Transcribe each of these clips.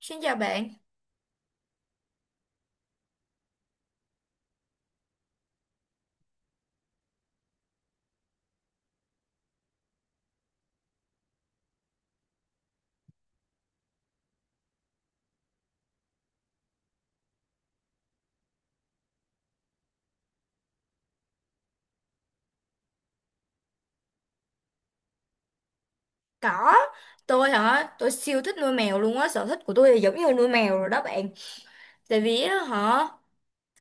Xin chào bạn. Có, tôi hả, tôi siêu thích nuôi mèo luôn á, sở thích của tôi là giống như nuôi mèo rồi đó bạn. Tại vì á hả,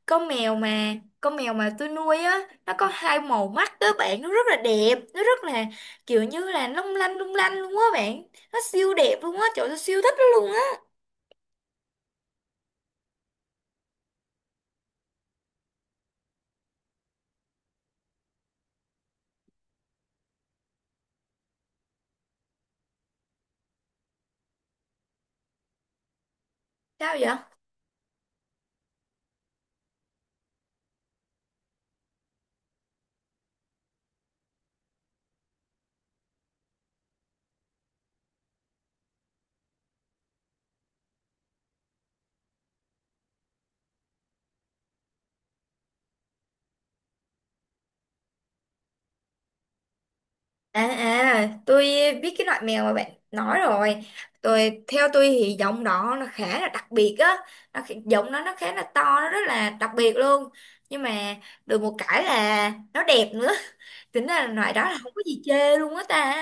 con mèo mà, con mèo mà tôi nuôi á, nó có hai màu mắt đó bạn, nó rất là đẹp, nó rất là kiểu như là long lanh lung lanh luôn á bạn. Nó siêu đẹp luôn á, trời ơi, tôi siêu thích nó luôn á. Sao vậy? À à, tôi biết cái loại mèo mà bạn nói rồi. Theo tôi thì giọng đó nó khá là đặc biệt á, giọng nó khá là to, nó rất là đặc biệt luôn. Nhưng mà được một cái là nó đẹp nữa. Tính ra là loại đó là không có gì chê luôn á ta.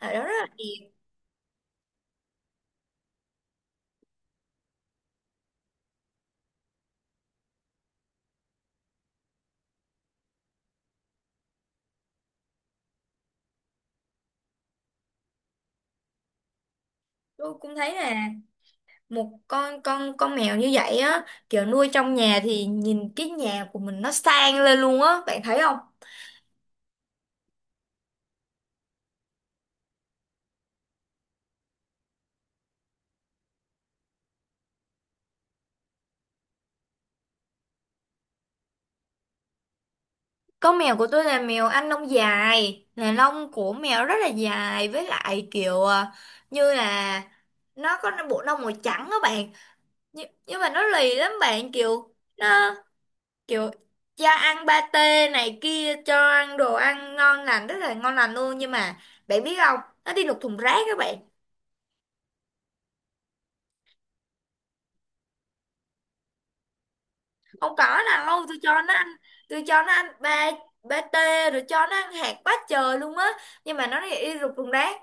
Loại đó rất là đẹp. Tôi cũng thấy là một con mèo như vậy á, kiểu nuôi trong nhà thì nhìn cái nhà của mình nó sang lên luôn á, bạn thấy không? Con mèo của tôi là mèo Anh lông dài, là lông của mèo rất là dài, với lại kiểu như là nó có bộ lông màu trắng đó bạn. Nhưng mà nó lì lắm bạn, kiểu cho ăn pate này kia, cho ăn đồ ăn ngon lành rất là ngon lành luôn, nhưng mà bạn biết không, nó đi lục thùng rác các bạn. Không có nào đâu, tôi cho nó ăn ba pate, rồi cho nó ăn hạt quá trời luôn á, nhưng mà nó lại đi lục thùng rác.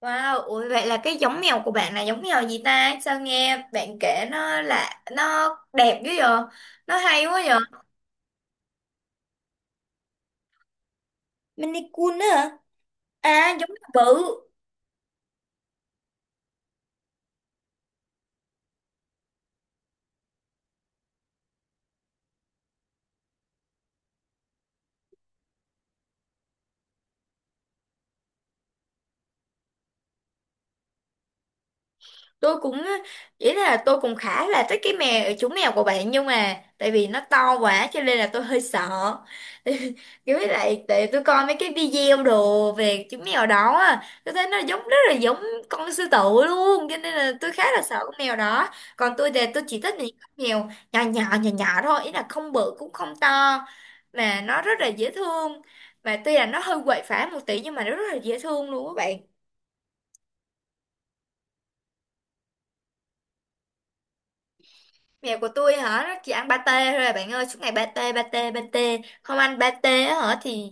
Wow, ủa vậy là cái giống mèo của bạn là giống mèo gì ta? Sao nghe bạn kể nó là nó đẹp dữ vậy? Nó hay quá vậy? Maine Coon á hả? À, giống mèo bự. Tôi cũng ý là tôi cũng khá là thích cái chú mèo của bạn, nhưng mà tại vì nó to quá cho nên là tôi hơi sợ. Kiểu, với lại tại tôi coi mấy cái video đồ về chú mèo đó á, tôi thấy nó giống, rất là giống con sư tử luôn, cho nên là tôi khá là sợ con mèo đó. Còn tôi thì tôi chỉ thích những con mèo nhỏ nhỏ nhỏ nhỏ thôi, ý là không bự cũng không to mà nó rất là dễ thương, mà tuy là nó hơi quậy phá một tí nhưng mà nó rất là dễ thương luôn các bạn. Mèo của tôi hả? Nó chỉ ăn pate thôi à bạn ơi, suốt ngày pate pate pate. Không ăn pate á hả thì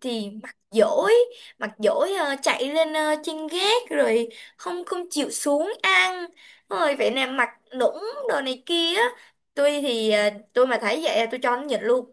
thì mặt dỗi, mặt dỗi, chạy lên, trên gác rồi không không chịu xuống ăn. Rồi vậy nè, mặt nũng đồ này kia á. Tôi thì tôi mà thấy vậy là tôi cho nó nhịn luôn.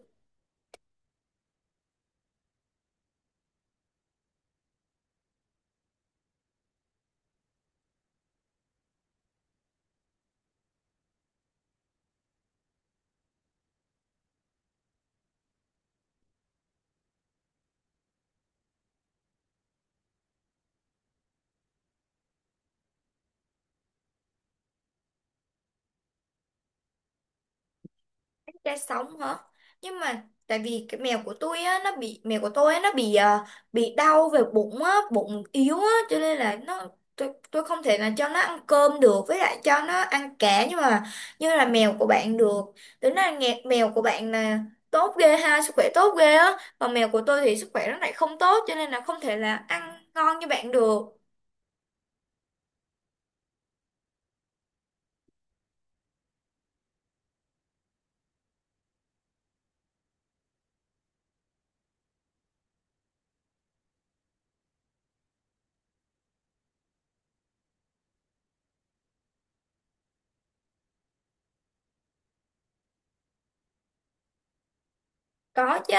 Ra sóng hả? Nhưng mà tại vì cái mèo của tôi á nó bị mèo của tôi á bị đau về bụng á, bụng yếu á, cho nên là nó tôi không thể là cho nó ăn cơm được, với lại cho nó ăn cá, nhưng mà như là mèo của bạn được. Tính là nghe mèo của bạn là tốt ghê ha, sức khỏe tốt ghê á, còn mèo của tôi thì sức khỏe nó lại không tốt cho nên là không thể là ăn ngon như bạn được. Có chứ,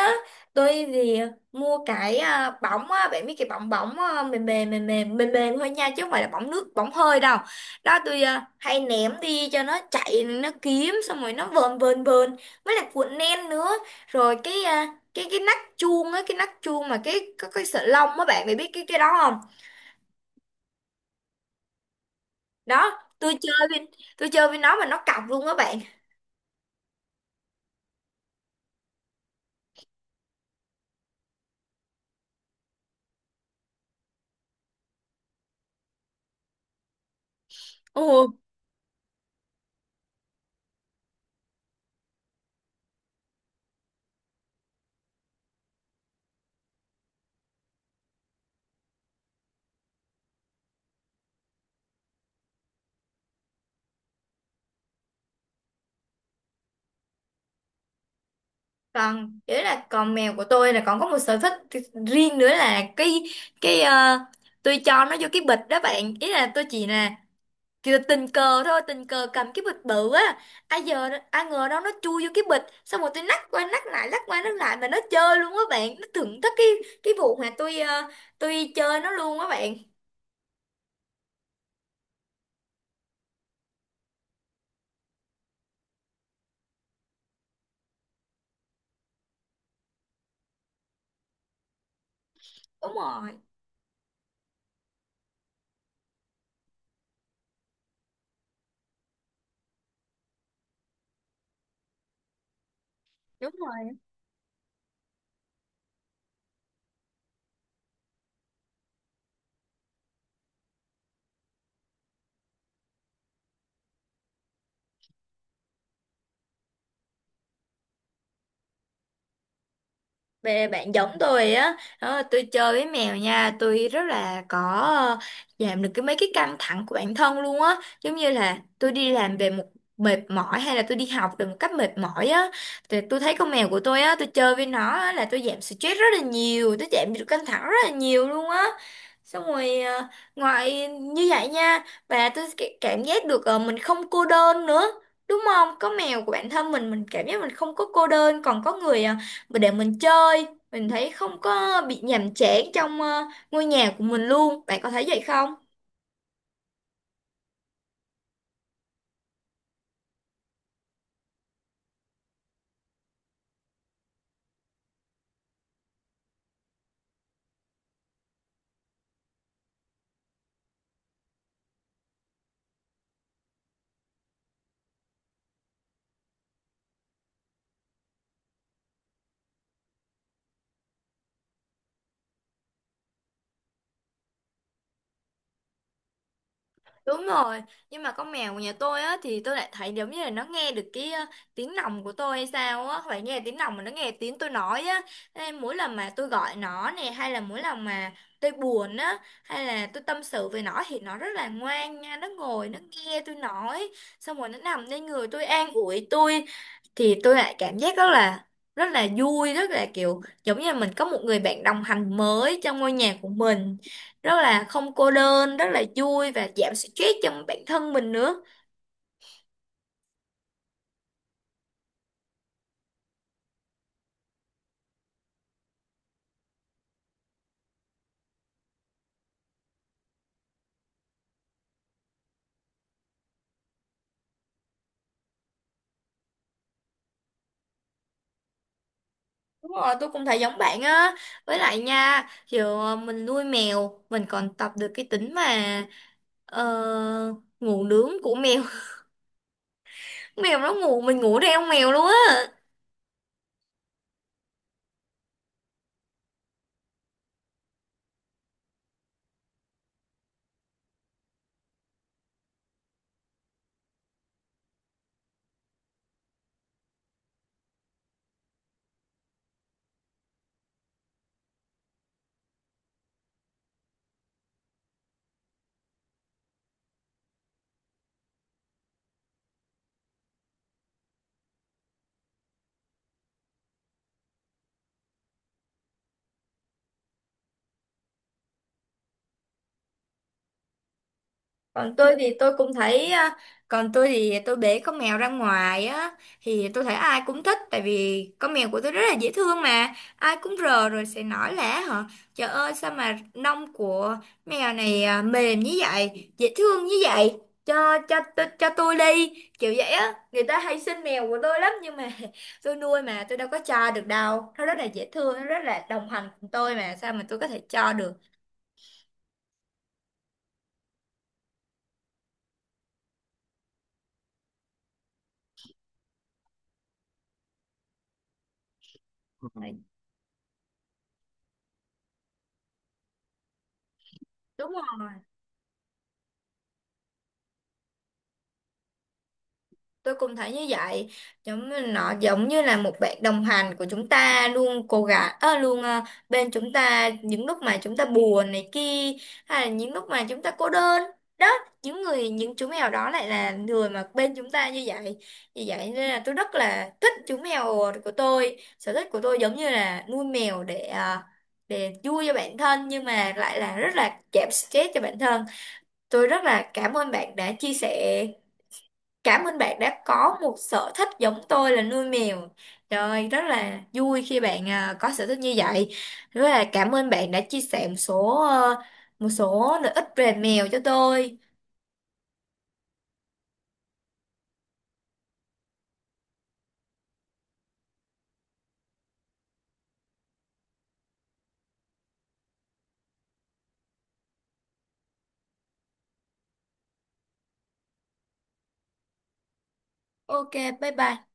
tôi thì mua cái bỏng á, bạn biết cái bỏng bỏng mềm mềm mềm mềm mềm mềm thôi nha, chứ không phải là bỏng nước bỏng hơi đâu. Đó, tôi hay ném đi cho nó chạy, nó kiếm, xong rồi nó vờn vờn vờn, với lại cuộn len nữa. Rồi cái nắp chuông á, cái nắp chuông mà cái có cái sợi lông á bạn, mày biết cái đó không? Đó, tôi chơi với nó mà nó cọc luôn á bạn. Ồ. Còn đấy là còn mèo của tôi là còn có một sở thích riêng nữa, là cái ờ, tôi cho nó vô cái bịch đó bạn, ý là tôi chỉ là kiểu tình cờ thôi, tình cờ cầm cái bịch bự á, ai ngờ đâu nó chui vô cái bịch, xong rồi tôi nắc qua nắc lại nắc qua nắc lại mà nó chơi luôn á bạn, nó thưởng thức cái vụ mà tôi chơi nó luôn á bạn. Đúng rồi, đúng. Bạn giống tôi á đó, tôi chơi với mèo nha tôi rất là có, ờ, giảm được mấy cái căng thẳng của bản thân luôn á, giống như là tôi đi làm về một mệt mỏi, hay là tôi đi học về một cách mệt mỏi á, thì tôi thấy con mèo của tôi á, tôi chơi với nó á, là tôi giảm stress rất là nhiều, tôi giảm được căng thẳng rất là nhiều luôn á. Xong rồi ngoài như vậy nha, và tôi cảm giác được mình không cô đơn nữa. Đúng không, có mèo của bản thân mình cảm giác mình không có cô đơn, còn có người và để mình chơi, mình thấy không có bị nhàm chán trong ngôi nhà của mình luôn, bạn có thấy vậy không? Đúng rồi, nhưng mà con mèo của nhà tôi á thì tôi lại thấy giống như là nó nghe được cái tiếng lòng của tôi hay sao á, phải nghe tiếng lòng mà nó nghe tiếng tôi nói á. Thế nên mỗi lần mà tôi gọi nó nè, hay là mỗi lần mà tôi buồn á, hay là tôi tâm sự về nó thì nó rất là ngoan nha, nó ngồi, nó nghe tôi nói, xong rồi nó nằm lên người tôi an ủi tôi, thì tôi lại cảm giác rất là vui, rất là kiểu giống như là mình có một người bạn đồng hành mới trong ngôi nhà của mình, rất là không cô đơn, rất là vui và giảm stress cho bản thân mình nữa. Đúng rồi, tôi cũng thấy giống bạn á, với lại nha kiểu mình nuôi mèo mình còn tập được cái tính mà ờ, ngủ nướng của mèo. Mèo nó ngủ mình ngủ theo mèo luôn á. Còn tôi thì tôi cũng thấy còn tôi thì tôi bế con mèo ra ngoài á, thì tôi thấy ai cũng thích, tại vì con mèo của tôi rất là dễ thương mà ai cũng rờ, rồi sẽ nói là: hả trời ơi, sao mà lông của mèo này mềm như vậy, dễ thương như vậy, cho tôi, cho tôi đi, kiểu vậy á, người ta hay xin mèo của tôi lắm, nhưng mà tôi nuôi mà tôi đâu có cho được đâu, nó rất là dễ thương, nó rất là đồng hành cùng tôi mà sao mà tôi có thể cho được. Ừ. Đúng rồi. Tôi cũng thấy như vậy, giống như là một bạn đồng hành của chúng ta, luôn cố gắng, luôn bên chúng ta những lúc mà chúng ta buồn này kia, hay là những lúc mà chúng ta cô đơn. Đó, những chú mèo đó lại là người mà bên chúng ta như vậy. Vì vậy nên là tôi rất là thích chú mèo của tôi. Sở thích của tôi giống như là nuôi mèo để để vui cho bản thân nhưng mà lại là rất là giảm stress cho bản thân. Tôi rất là cảm ơn bạn đã chia sẻ. Cảm ơn bạn đã có một sở thích giống tôi là nuôi mèo. Trời ơi, rất là vui khi bạn có sở thích như vậy. Rất là cảm ơn bạn đã chia sẻ một số một số lợi ích về mèo cho tôi. Ok, bye bye.